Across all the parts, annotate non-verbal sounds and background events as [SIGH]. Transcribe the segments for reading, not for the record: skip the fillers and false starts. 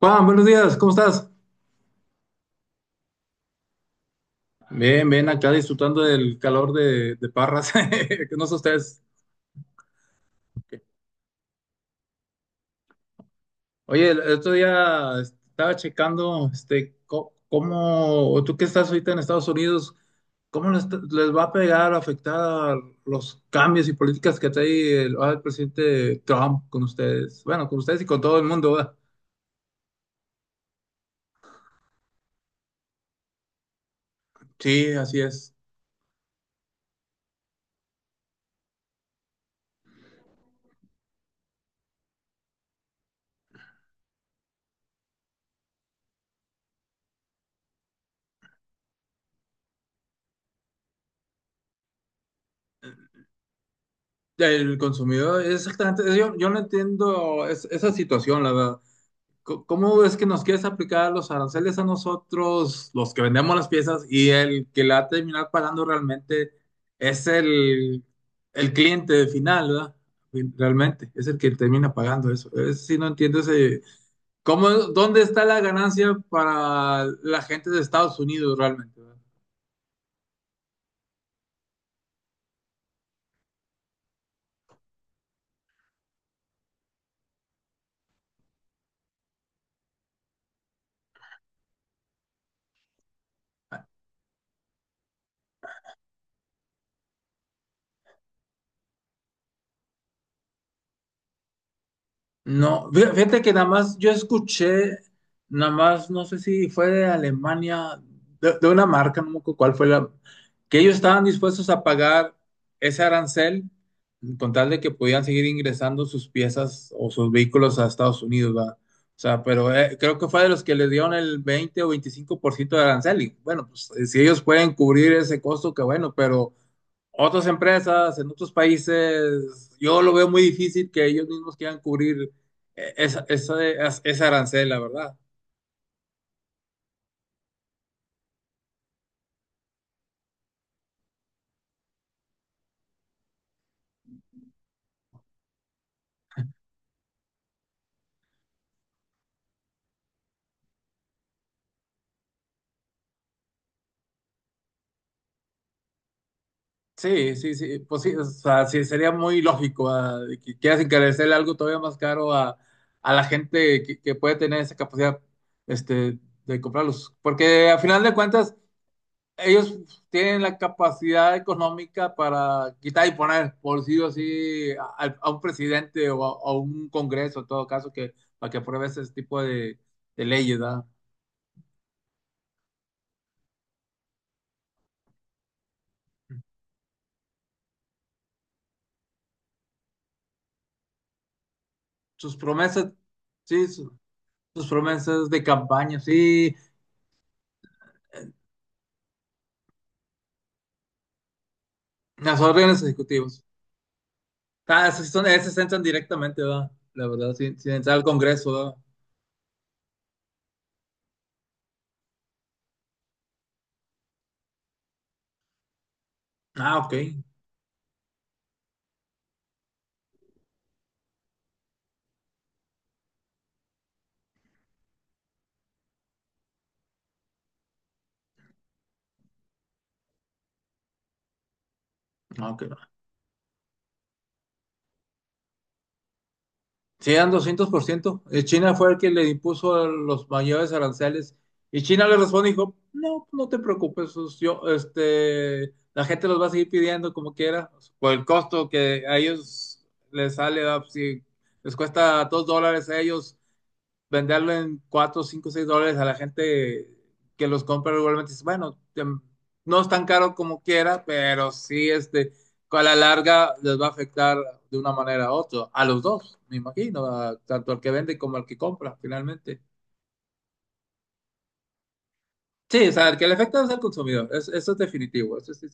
Juan, buenos días, ¿cómo estás? Bien, bien, acá disfrutando del calor de Parras, [LAUGHS] que no sé ustedes. Oye, el otro día estaba checando, este, cómo, o tú que estás ahorita en Estados Unidos, cómo les va a pegar, afectar los cambios y políticas que trae el presidente Trump con ustedes, bueno, con ustedes y con todo el mundo, ¿verdad? Sí, así es. El consumidor, exactamente, yo no entiendo esa situación, la verdad. ¿Cómo es que nos quieres aplicar los aranceles a nosotros, los que vendemos las piezas, y el que la va a terminar pagando realmente es el cliente final, ¿verdad? Realmente, es el que termina pagando eso. Si no entiendo ese, ¿cómo, dónde está la ganancia para la gente de Estados Unidos realmente, ¿verdad? No, fíjate que nada más yo escuché, nada más no sé si fue de Alemania, de una marca, no me acuerdo cuál fue la, que ellos estaban dispuestos a pagar ese arancel con tal de que podían seguir ingresando sus piezas o sus vehículos a Estados Unidos, ¿verdad? O sea, pero creo que fue de los que les dieron el 20 o 25% de arancel y bueno, pues si ellos pueden cubrir ese costo, que bueno, pero otras empresas en otros países, yo lo veo muy difícil que ellos mismos quieran cubrir esa arancel, la verdad. Sí, sí, sí, pues sí, o sea, sí, sería muy lógico de que quieras encarecerle algo todavía más caro a la gente que puede tener esa capacidad este, de comprarlos. Porque a final de cuentas, ellos tienen la capacidad económica para quitar y poner, por sí o sí, a un presidente o a un congreso, en todo caso, que, para que apruebe ese tipo de leyes, ¿verdad? Sus promesas, sí, sus promesas de campaña, sí, las órdenes ejecutivas. Ah, esas son, esas entran directamente, ¿verdad? La verdad, sin entrar al congreso, ¿verdad? Ah, ok. Ah, ok. Sí, dan 200%. China fue el que le impuso los mayores aranceles. Y China le responde y dijo, no, no te preocupes, yo, este, la gente los va a seguir pidiendo como quiera, por el costo que a ellos les sale, ¿verdad? Si les cuesta 2 dólares a ellos venderlo en 4, 5, 6 dólares a la gente que los compra regularmente. Dice, bueno, no es tan caro como quiera, pero sí, este, a la larga les va a afectar de una manera u otra, a los dos, me imagino, tanto al que vende como al que compra, finalmente. Sí, o sea, el que le afecta es al consumidor, eso es definitivo, eso sí.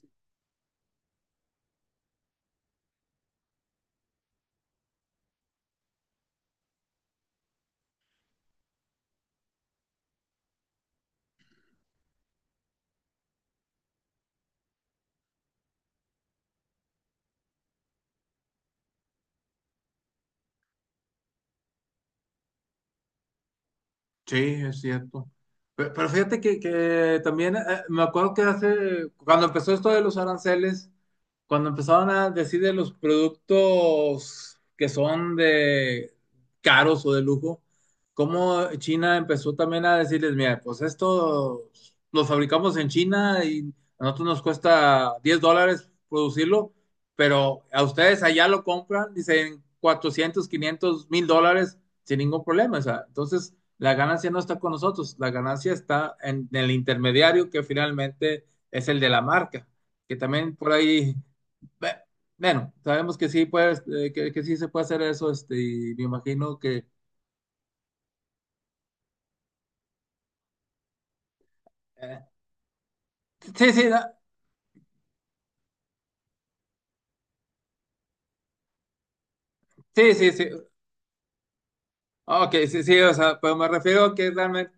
Sí, es cierto. Pero fíjate que también me acuerdo que hace, cuando empezó esto de los aranceles, cuando empezaron a decir de los productos que son de caros o de lujo, cómo China empezó también a decirles, mira, pues esto lo fabricamos en China y a nosotros nos cuesta 10 dólares producirlo, pero a ustedes allá lo compran, dicen 400, 500, 1000 dólares sin ningún problema. O sea, entonces. La ganancia no está con nosotros, la ganancia está en el intermediario que finalmente es el de la marca, que también por ahí, bueno, sabemos que sí, pues, que sí se puede hacer eso, este, y me imagino que. eh, sí, sí, sí, sí, sí, ok, sí, sí, o sea, pero me refiero a que realmente.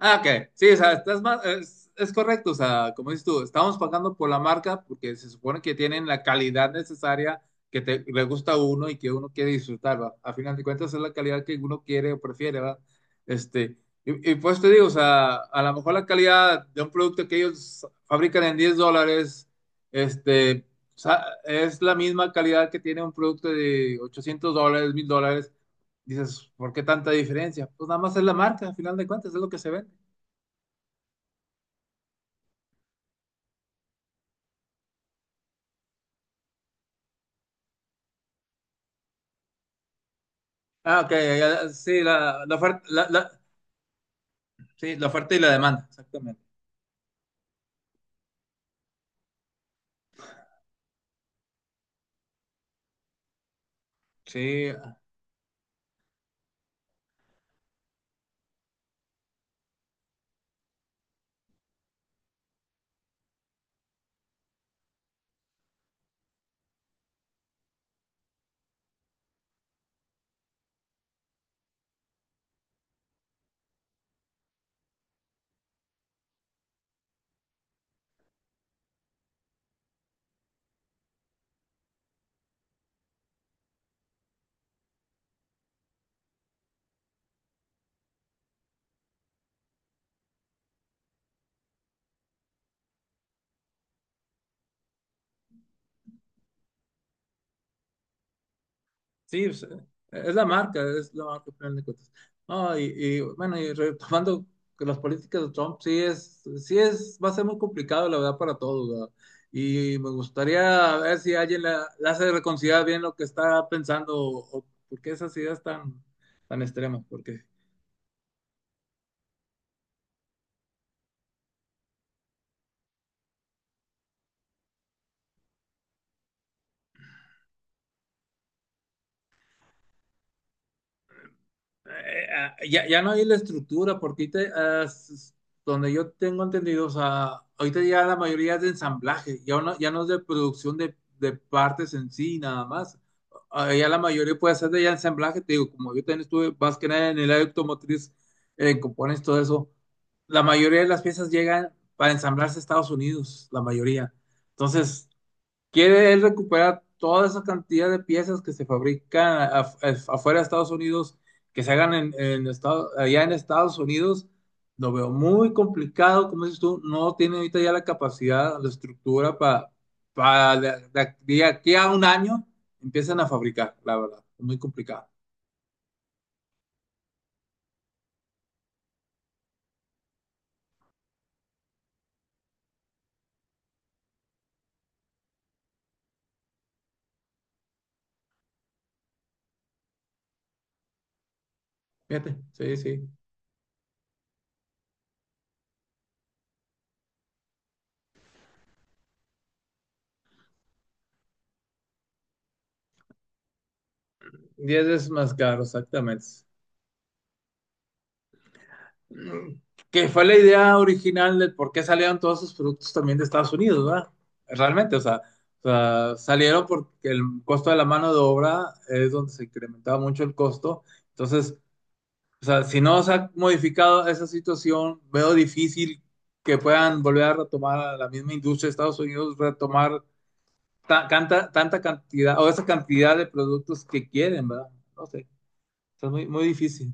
Ah, ok. Sí, o sea, estás más, es correcto. O sea, como dices tú, estamos pagando por la marca porque se supone que tienen la calidad necesaria que te, le gusta a uno y que uno quiere disfrutar, ¿va? A final de cuentas es la calidad que uno quiere o prefiere, ¿va? Este, y pues te digo, o sea, a lo mejor la calidad de un producto que ellos fabrican en 10 dólares, este, o sea, es la misma calidad que tiene un producto de 800 dólares, 1000 dólares. Dices, ¿por qué tanta diferencia? Pues nada más es la marca, a final de cuentas, es lo que se ve. Ah, ok, sí, la oferta y la demanda, exactamente. Sí, sí, pues, es la marca, al final de cuentas. No, bueno, y retomando que las políticas de Trump, sí es, va a ser muy complicado, la verdad, para todos, ¿verdad? Y me gustaría ver si alguien la hace reconsiderar bien lo que está pensando o por qué esas ideas tan extremas, porque. Ya, ya no hay la estructura, porque ahorita, ah, s- donde yo tengo entendido, o sea, ahorita ya la mayoría es de ensamblaje, ya no es de producción de partes en sí, nada más. Ah, ya la mayoría puede hacer de ya ensamblaje, te digo, como yo también estuve más que nada en el área automotriz, en compones, todo eso, la mayoría de las piezas llegan para ensamblarse a Estados Unidos, la mayoría. Entonces, quiere él recuperar toda esa cantidad de piezas que se fabrican afuera de Estados Unidos, que se hagan allá en Estados Unidos. Lo veo muy complicado, como dices tú, no tiene ahorita ya la capacidad, la estructura para de aquí a un año empiezan a fabricar, la verdad, muy complicado. Fíjate, sí, sí. 10 veces más caro, exactamente. Que fue la idea original del por qué salieron todos esos productos también de Estados Unidos, ¿verdad? Realmente, o sea, salieron porque el costo de la mano de obra es donde se incrementaba mucho el costo. Entonces, o sea, si no se ha modificado esa situación, veo difícil que puedan volver a retomar a la misma industria de Estados Unidos, retomar tanta cantidad o esa cantidad de productos que quieren, ¿verdad? No sé, o sea, es muy, muy difícil.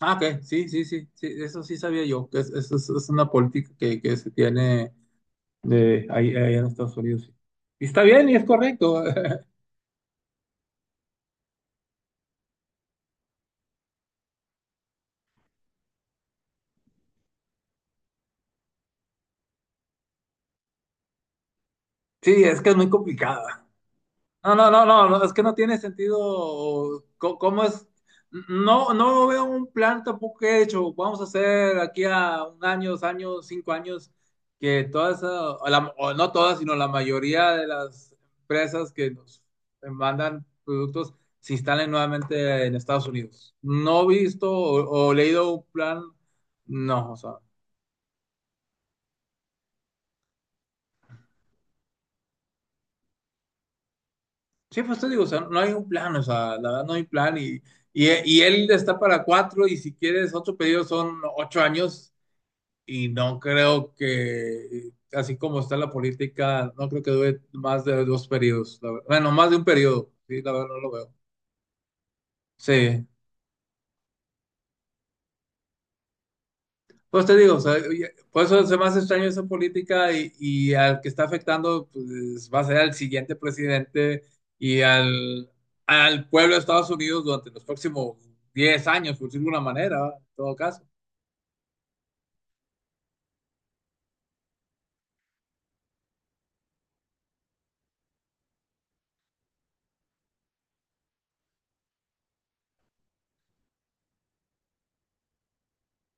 Ah, ok, sí, sí, sí, sí, eso sí sabía yo, que es una política que se tiene de ahí en Estados Unidos. Sí. Y está bien y es correcto. [LAUGHS] Sí, es que es muy complicado. No, no, no, no, no, es que no tiene sentido. ¿Cómo es? No, no veo un plan tampoco hecho. Vamos a hacer aquí a un año, 2 años, 5 años, que todas, o no todas, sino la mayoría de las empresas que nos mandan productos se instalen nuevamente en Estados Unidos. No he visto o leído un plan, no, o sea. Sí, pues te digo, o sea, no hay un plan, o sea, la verdad no hay plan y él está para cuatro y si quieres ocho pedidos son 8 años y no creo que, así como está la política, no creo que dure más de 2 periodos, la verdad. Bueno, más de un periodo, sí, la verdad no lo veo. Sí, pues te digo, o sea, oye, por eso se me hace extraño esa política y al que está afectando pues, va a ser al siguiente presidente y al pueblo de Estados Unidos durante los próximos 10 años, por decirlo de alguna manera, ¿va? En todo caso.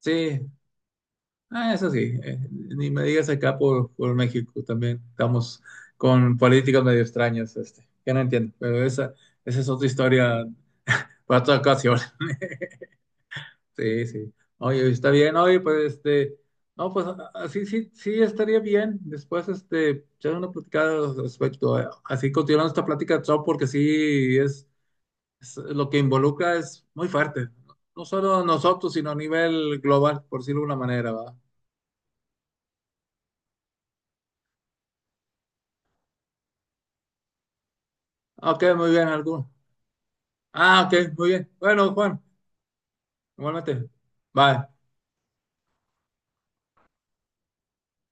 Sí, eso sí, ni me digas acá por México también, estamos con políticas medio extrañas, este, que no entiendo, pero esa es otra historia para otra ocasión. Sí, sí. Oye, está bien, oye, pues este, no, pues así sí, sí estaría bien. Después, este, echar una platicada al respecto. Así continuando esta plática, Trump, porque sí es lo que involucra es muy fuerte. No solo nosotros, sino a nivel global, por decirlo de alguna manera, ¿va? Ah, ok, muy bien, algún. Ah, ok, muy bien. Bueno, Juan, igualmente. Bye.